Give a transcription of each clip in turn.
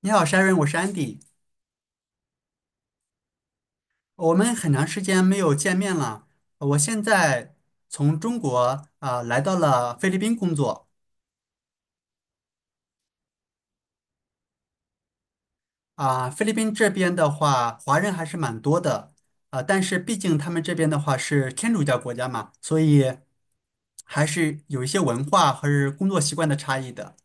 你好，Sharon，我是 Andy。我们很长时间没有见面了。我现在从中国来到了菲律宾工作。菲律宾这边的话，华人还是蛮多的。但是毕竟他们这边的话是天主教国家嘛，所以还是有一些文化和是工作习惯的差异的。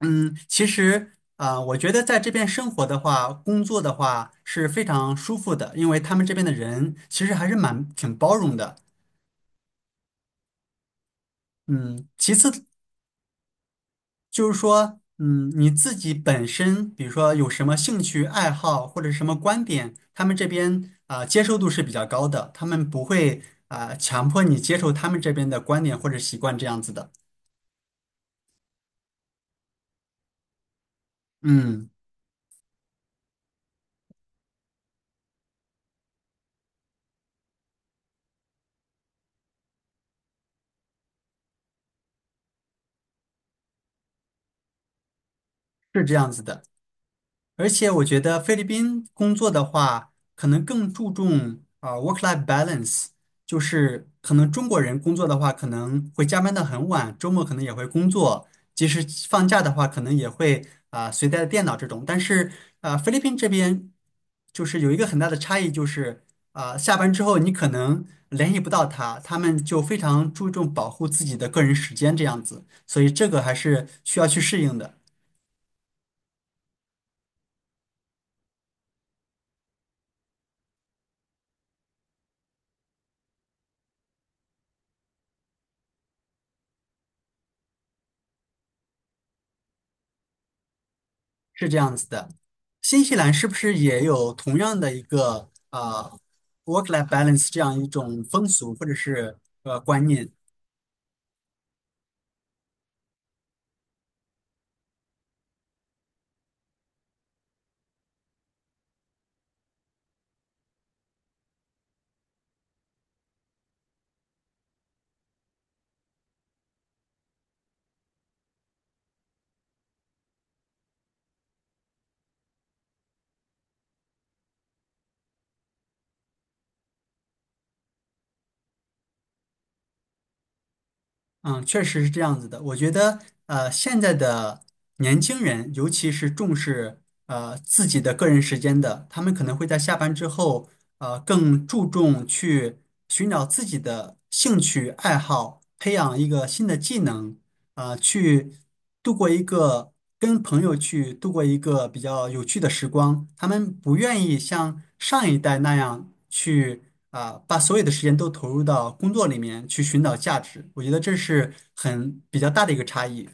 嗯，其实我觉得在这边生活的话，工作的话是非常舒服的，因为他们这边的人其实还是蛮挺包容的。嗯，其次就是说，嗯，你自己本身，比如说有什么兴趣爱好或者什么观点，他们这边接受度是比较高的，他们不会强迫你接受他们这边的观点或者习惯这样子的，嗯，是这样子的。而且我觉得菲律宾工作的话，可能更注重work-life balance，就是可能中国人工作的话，可能会加班到很晚，周末可能也会工作，即使放假的话，可能也会随带电脑这种。但是菲律宾这边就是有一个很大的差异，就是下班之后你可能联系不到他，他们就非常注重保护自己的个人时间这样子，所以这个还是需要去适应的。是这样子的，新西兰是不是也有同样的一个work-life balance 这样一种风俗或者是观念？嗯，确实是这样子的。我觉得现在的年轻人，尤其是重视自己的个人时间的，他们可能会在下班之后更注重去寻找自己的兴趣爱好，培养一个新的技能。啊，去度过一个跟朋友度过一个比较有趣的时光。他们不愿意像上一代那样去啊，把所有的时间都投入到工作里面去寻找价值。我觉得这是比较大的一个差异。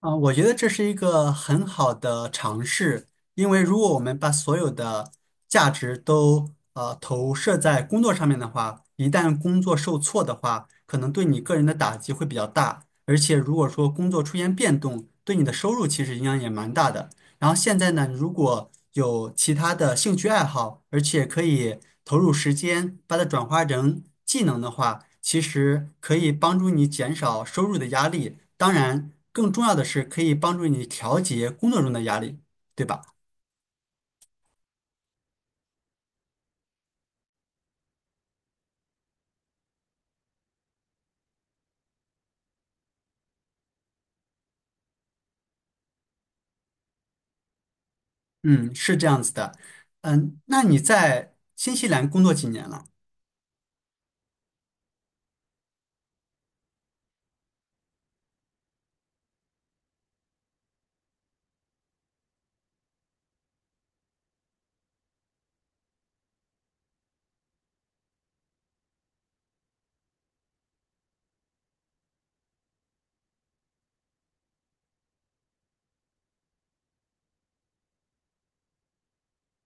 啊，我觉得这是一个很好的尝试，因为如果我们把所有的价值都投射在工作上面的话，一旦工作受挫的话，可能对你个人的打击会比较大，而且如果说工作出现变动，对你的收入其实影响也蛮大的。然后现在呢，如果有其他的兴趣爱好，而且可以投入时间把它转化成技能的话，其实可以帮助你减少收入的压力。当然，更重要的是可以帮助你调节工作中的压力，对吧？嗯，是这样子的。嗯，那你在新西兰工作几年了？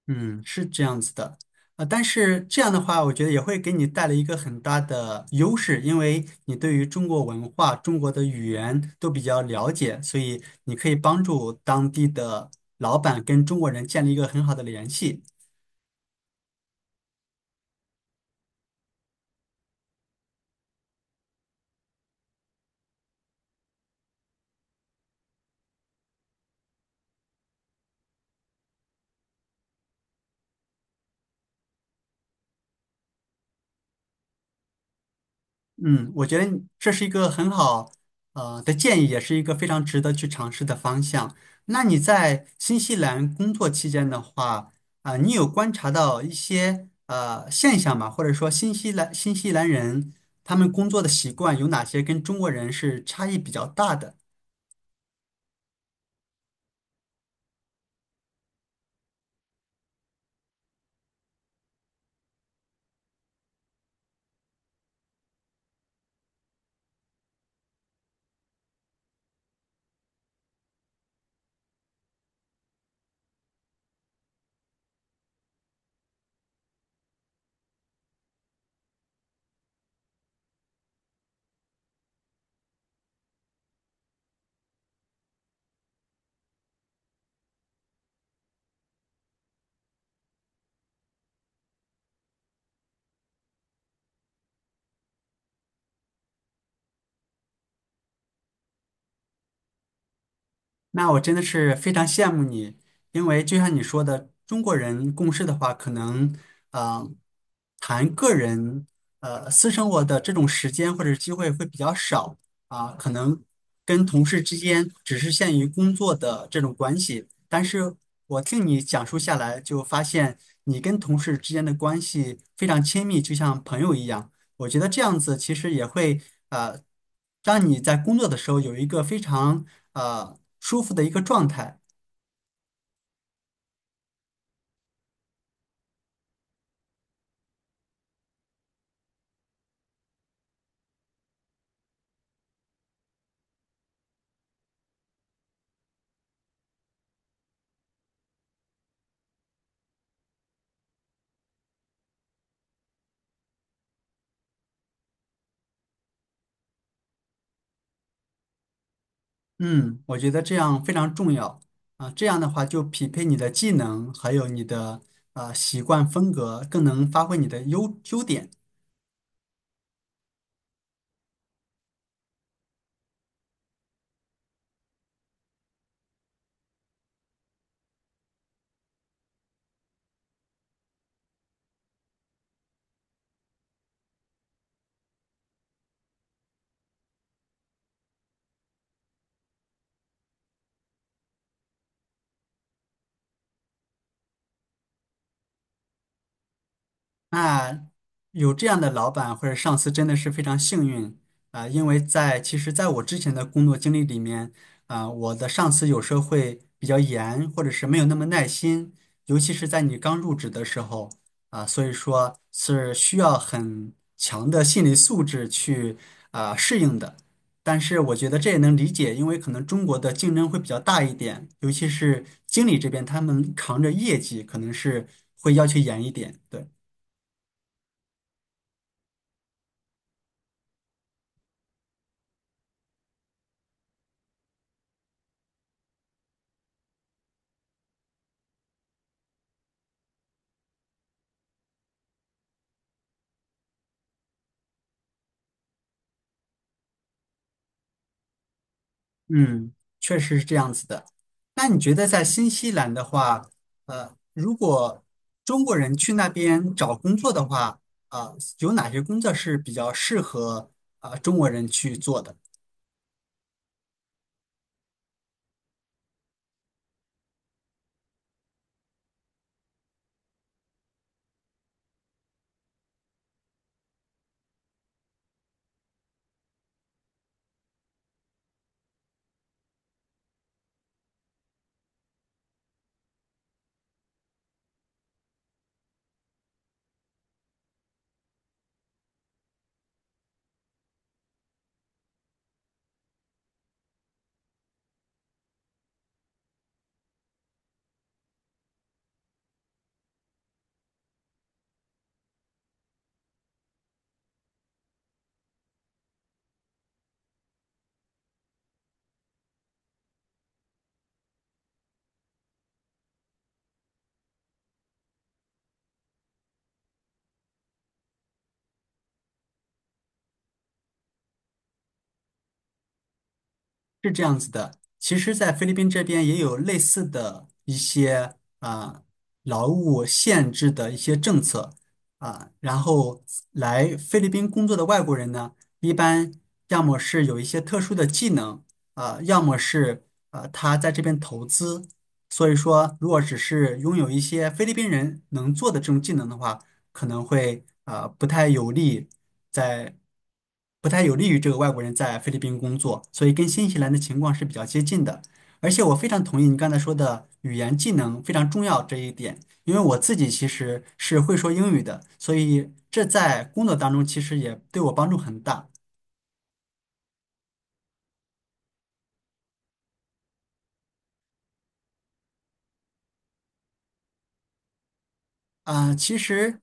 嗯，是这样子的，啊，但是这样的话，我觉得也会给你带来一个很大的优势，因为你对于中国文化、中国的语言都比较了解，所以你可以帮助当地的老板跟中国人建立一个很好的联系。嗯，我觉得你这是一个很好的建议，也是一个非常值得去尝试的方向。那你在新西兰工作期间的话，你有观察到一些现象吗？或者说新西兰人他们工作的习惯有哪些跟中国人是差异比较大的？那我真的是非常羡慕你，因为就像你说的，中国人共事的话，可能呃，谈个人私生活的这种时间或者机会会比较少啊，可能跟同事之间只是限于工作的这种关系。但是我听你讲述下来，就发现你跟同事之间的关系非常亲密，就像朋友一样。我觉得这样子其实也会呃，让你在工作的时候有一个非常舒服的一个状态。嗯，我觉得这样非常重要啊，这样的话就匹配你的技能，还有你的习惯风格，更能发挥你的优点。那有这样的老板或者上司真的是非常幸运啊，因为其实在我之前的工作经历里面，啊，我的上司有时候会比较严，或者是没有那么耐心，尤其是在你刚入职的时候啊，所以说是需要很强的心理素质去啊适应的。但是我觉得这也能理解，因为可能中国的竞争会比较大一点，尤其是经理这边，他们扛着业绩，可能是会要求严一点，对。嗯，确实是这样子的。那你觉得在新西兰的话，如果中国人去那边找工作的话，有哪些工作是比较适合中国人去做的？是这样子的，其实，在菲律宾这边也有类似的一些啊、劳务限制的一些政策。然后来菲律宾工作的外国人呢，一般要么是有一些特殊的技能，要么是他在这边投资。所以说，如果只是拥有一些菲律宾人能做的这种技能的话，可能会不太有利在不太有利于这个外国人在菲律宾工作，所以跟新西兰的情况是比较接近的。而且我非常同意你刚才说的语言技能非常重要这一点，因为我自己其实是会说英语的，所以这在工作当中其实也对我帮助很大。啊，其实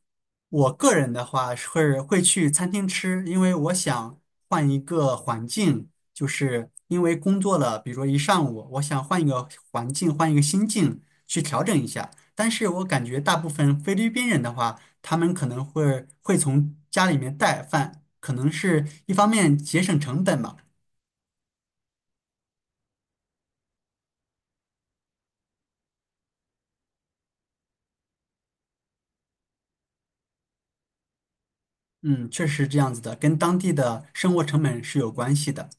我个人的话是会去餐厅吃，因为我想换一个环境，就是因为工作了，比如说一上午，我想换一个环境，换一个心境去调整一下。但是我感觉大部分菲律宾人的话，他们可能会从家里面带饭，可能是一方面节省成本吧。嗯，确实是这样子的，跟当地的生活成本是有关系的。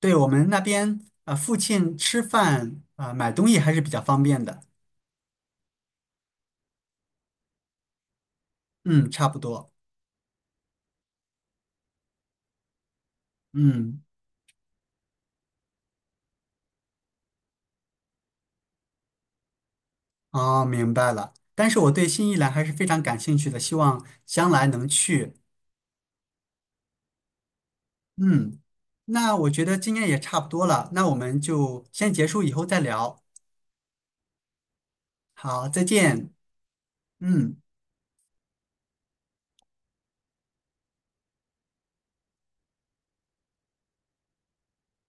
对，我们那边啊，附近吃饭啊，买东西还是比较方便的。嗯，差不多。嗯，哦，明白了。但是我对新西兰还是非常感兴趣的，希望将来能去。嗯，那我觉得今天也差不多了，那我们就先结束，以后再聊。好，再见。嗯。